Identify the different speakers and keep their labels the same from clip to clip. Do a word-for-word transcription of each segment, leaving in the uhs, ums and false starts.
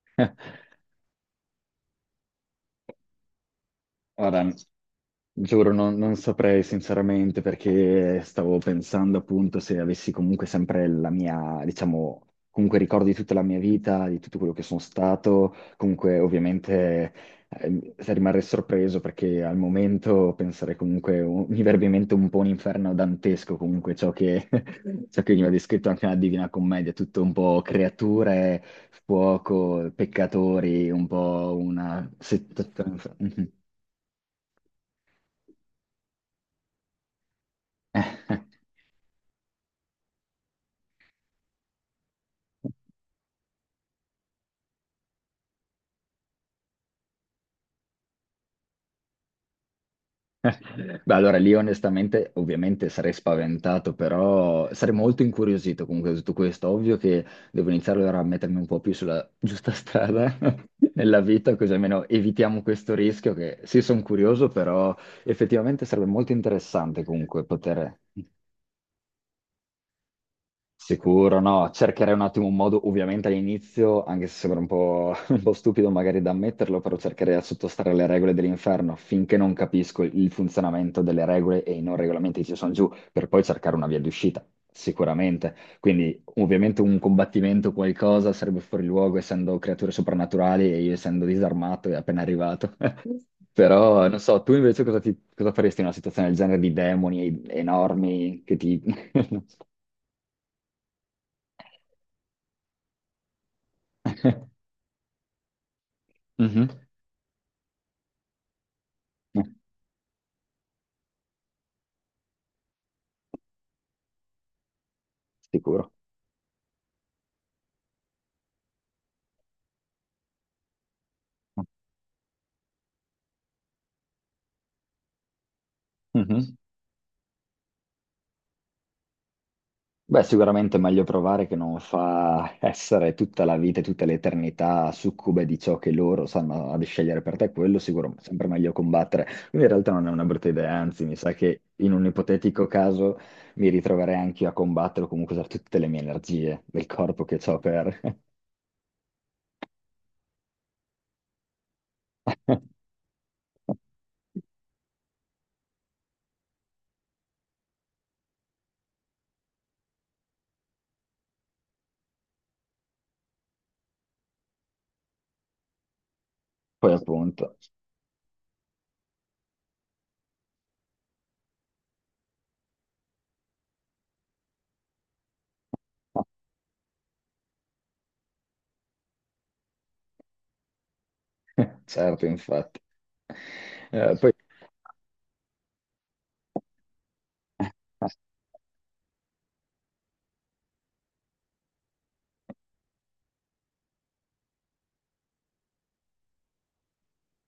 Speaker 1: Guarda, giuro, non, non saprei sinceramente perché stavo pensando appunto se avessi comunque sempre la mia, diciamo, comunque ricordo di tutta la mia vita, di tutto quello che sono stato, comunque ovviamente eh, rimarrei sorpreso perché al momento penserei comunque, un- mi verrebbe in mente un po' un inferno dantesco comunque ciò che, ciò che veniva descritto anche nella Divina Commedia, tutto un po' creature, fuoco, peccatori, un po' una... Beh, allora lì onestamente, ovviamente sarei spaventato, però sarei molto incuriosito comunque da tutto questo. Ovvio che devo iniziare allora a mettermi un po' più sulla giusta strada nella vita, così almeno evitiamo questo rischio che sì, sono curioso, però effettivamente sarebbe molto interessante comunque poter... Sicuro, no, cercherei un attimo un modo, ovviamente all'inizio, anche se sembra un po', un po' stupido magari da ammetterlo, però cercherei di sottostare alle regole dell'inferno finché non capisco il funzionamento delle regole e i non regolamenti che ci sono giù, per poi cercare una via di uscita, sicuramente. Quindi ovviamente un combattimento, qualcosa, sarebbe fuori luogo essendo creature soprannaturali e io essendo disarmato e appena arrivato. Però, non so, tu invece cosa, ti- cosa faresti in una situazione del genere di demoni enormi che ti... Mhm. Eh, sicuro. Mhm. Beh, sicuramente è meglio provare che non fa essere tutta la vita e tutta l'eternità succube di ciò che loro sanno ad scegliere per te, quello sicuro, sempre meglio combattere. Quindi in realtà non è una brutta idea, anzi, mi sa che in un ipotetico caso mi ritroverei anche io a combattere o comunque usare tutte le mie energie del corpo che ho per... Poi appunto. Certo, infatti. Eh, poi...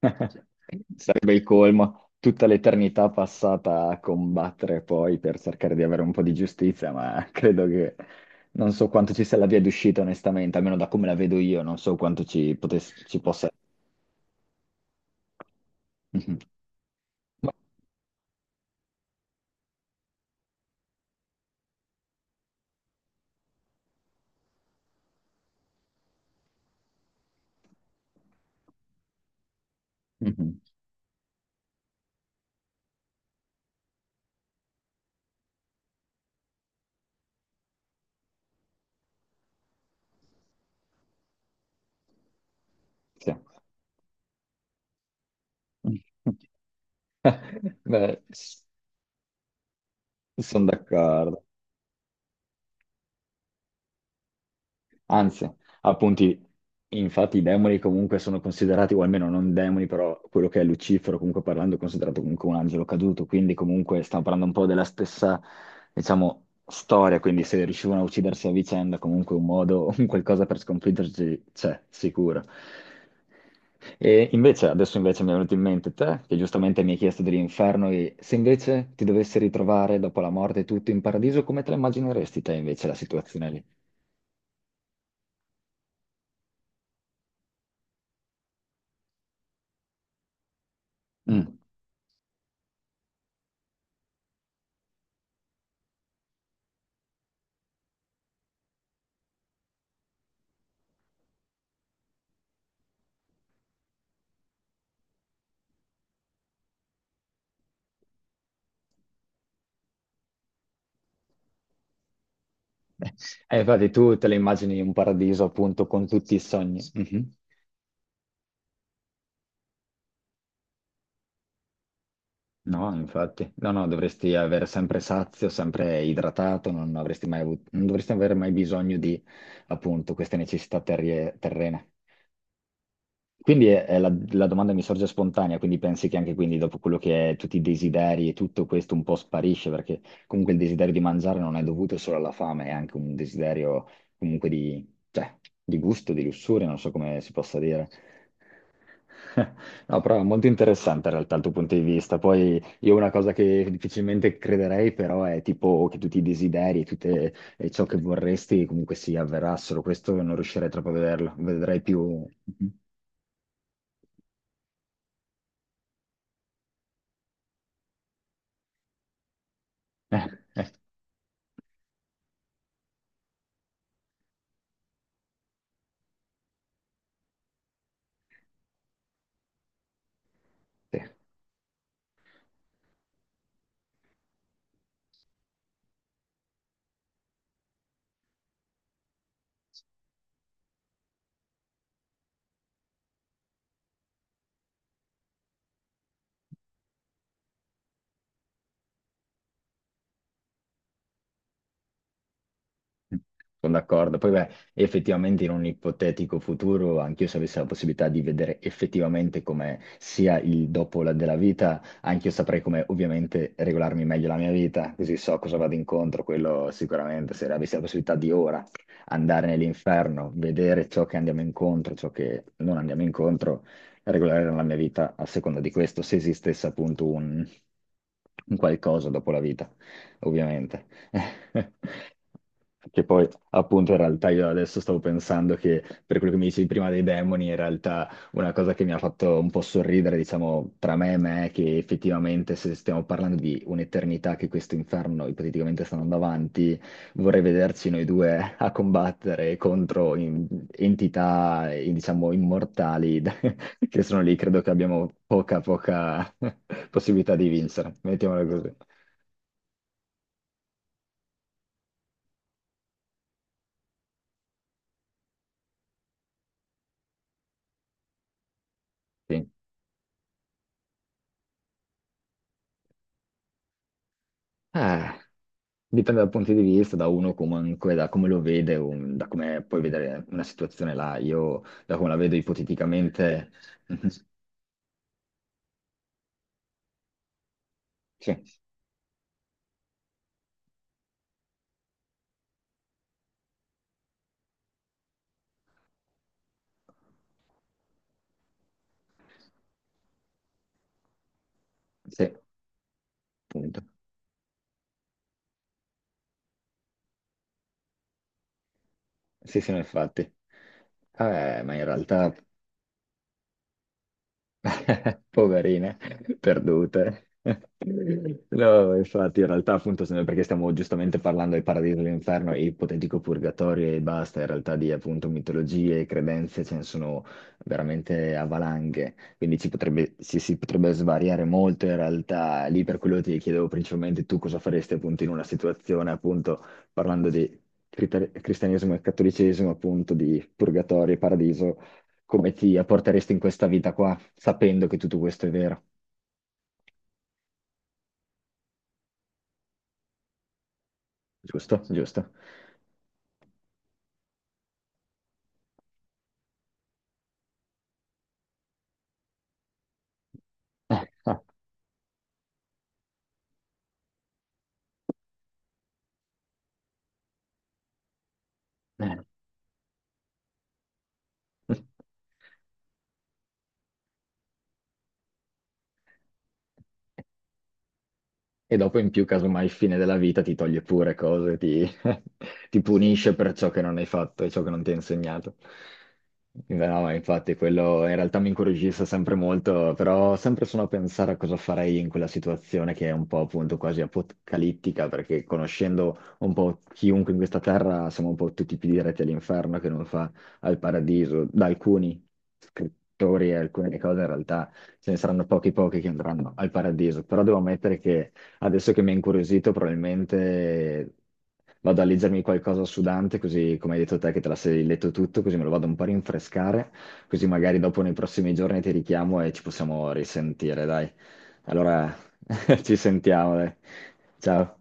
Speaker 1: Sarebbe il colmo, tutta l'eternità passata a combattere poi per cercare di avere un po' di giustizia, ma credo che non so quanto ci sia la via d'uscita, onestamente, almeno da come la vedo io, non so quanto ci, potesse- ci possa... Mhm. Ma- Mhm. Sì. Beh, sono d'accordo. Anzi, appunti, infatti i demoni comunque sono considerati, o almeno non demoni, però quello che è Lucifero, comunque parlando, è considerato comunque un angelo caduto, quindi comunque stiamo parlando un po' della stessa, diciamo, storia, quindi se riuscivano a uccidersi a vicenda, comunque un modo, un qualcosa per sconfiggerci c'è, sicuro. E invece, adesso invece mi è venuto in mente te, che giustamente mi hai chiesto dell'inferno, e se invece ti dovessi ritrovare dopo la morte e tutto in paradiso, come te la immagineresti te invece la situazione lì? Mm. Eh, infatti tu te le immagini un paradiso appunto con tutti i sogni. Mhm. No, infatti, no, no, dovresti avere sempre sazio, sempre idratato, non avresti mai avuto, non dovresti avere mai bisogno di appunto queste necessità terrie- terrene. Quindi è- è la, la domanda mi sorge spontanea, quindi pensi che anche quindi dopo quello che è tutti i desideri e tutto questo un po' sparisce, perché comunque il desiderio di mangiare non è dovuto solo alla fame, è anche un desiderio comunque di, cioè, di gusto, di lussuria, non so come si possa dire. No, però è molto interessante in realtà il tuo punto di vista. Poi io una cosa che difficilmente crederei però è tipo che tutti i desideri, tutte e ciò che vorresti comunque si avverassero. Questo non riuscirei troppo a vederlo, vedrei più... Mhm. Eh, sì. Sono d'accordo. Poi, beh, effettivamente in un ipotetico futuro, anch'io se avessi la possibilità di vedere effettivamente come sia il dopo la- della vita, anch'io saprei come ovviamente regolarmi meglio la mia vita, così so cosa vado incontro, quello sicuramente, se avessi la possibilità di ora andare nell'inferno, vedere ciò che andiamo incontro, ciò che non andiamo incontro, regolare la mia vita a seconda di questo, se esistesse appunto un un qualcosa dopo la vita, ovviamente. Che poi, appunto, in realtà io adesso stavo pensando che per quello che mi dicevi prima dei demoni, in realtà una cosa che mi ha fatto un po' sorridere, diciamo, tra me e me, è che effettivamente se stiamo parlando di un'eternità che questo inferno ipoteticamente sta andando avanti, vorrei vederci noi due a combattere contro in- entità, eh, diciamo, immortali che sono lì. Credo che abbiamo poca, poca possibilità di vincere. Mettiamola così. Sì. Eh, dipende dal punto di vista, da uno comunque, da come lo vede, un- da come puoi vedere una situazione là. Io, da come la vedo ipoteticamente, sì, sì, appunto. Sì, sì, no, infatti. Eh, ma in realtà, poverine, perdute. No, infatti, in realtà, appunto, se- perché stiamo giustamente parlando del paradiso, dell'inferno e ipotetico purgatorio e basta, in realtà di appunto mitologie e credenze ce ne sono veramente a valanghe, quindi ci potrebbe, si, si potrebbe svariare molto in realtà. Lì per quello ti chiedevo principalmente tu cosa faresti appunto in una situazione, appunto, parlando di crita- cristianesimo e cattolicesimo, appunto, di purgatorio e paradiso, come ti apporteresti in questa vita qua, sapendo che tutto questo è vero, giusto? Giusto? Eh, eh, eh. E dopo in più, casomai, il fine della vita ti toglie pure cose, ti, ti punisce per ciò che non hai fatto e ciò che non ti ha insegnato. Beh, no, ma infatti quello in realtà mi incuriosisce sempre molto, però sempre sono a pensare a cosa farei in quella situazione che è un po' appunto quasi apocalittica, perché conoscendo un po' chiunque in questa terra siamo un po' tutti più diretti all'inferno che non fa al paradiso. Da alcuni scrittori e alcune cose in realtà ce ne saranno pochi pochi che andranno al paradiso, però devo ammettere che adesso che mi ha incuriosito, probabilmente vado a leggermi qualcosa su Dante, così come hai detto te che te la sei letto tutto, così me lo vado un po' a rinfrescare, così magari dopo nei prossimi giorni ti richiamo e ci possiamo risentire, dai. Allora, ci sentiamo, dai. Ciao.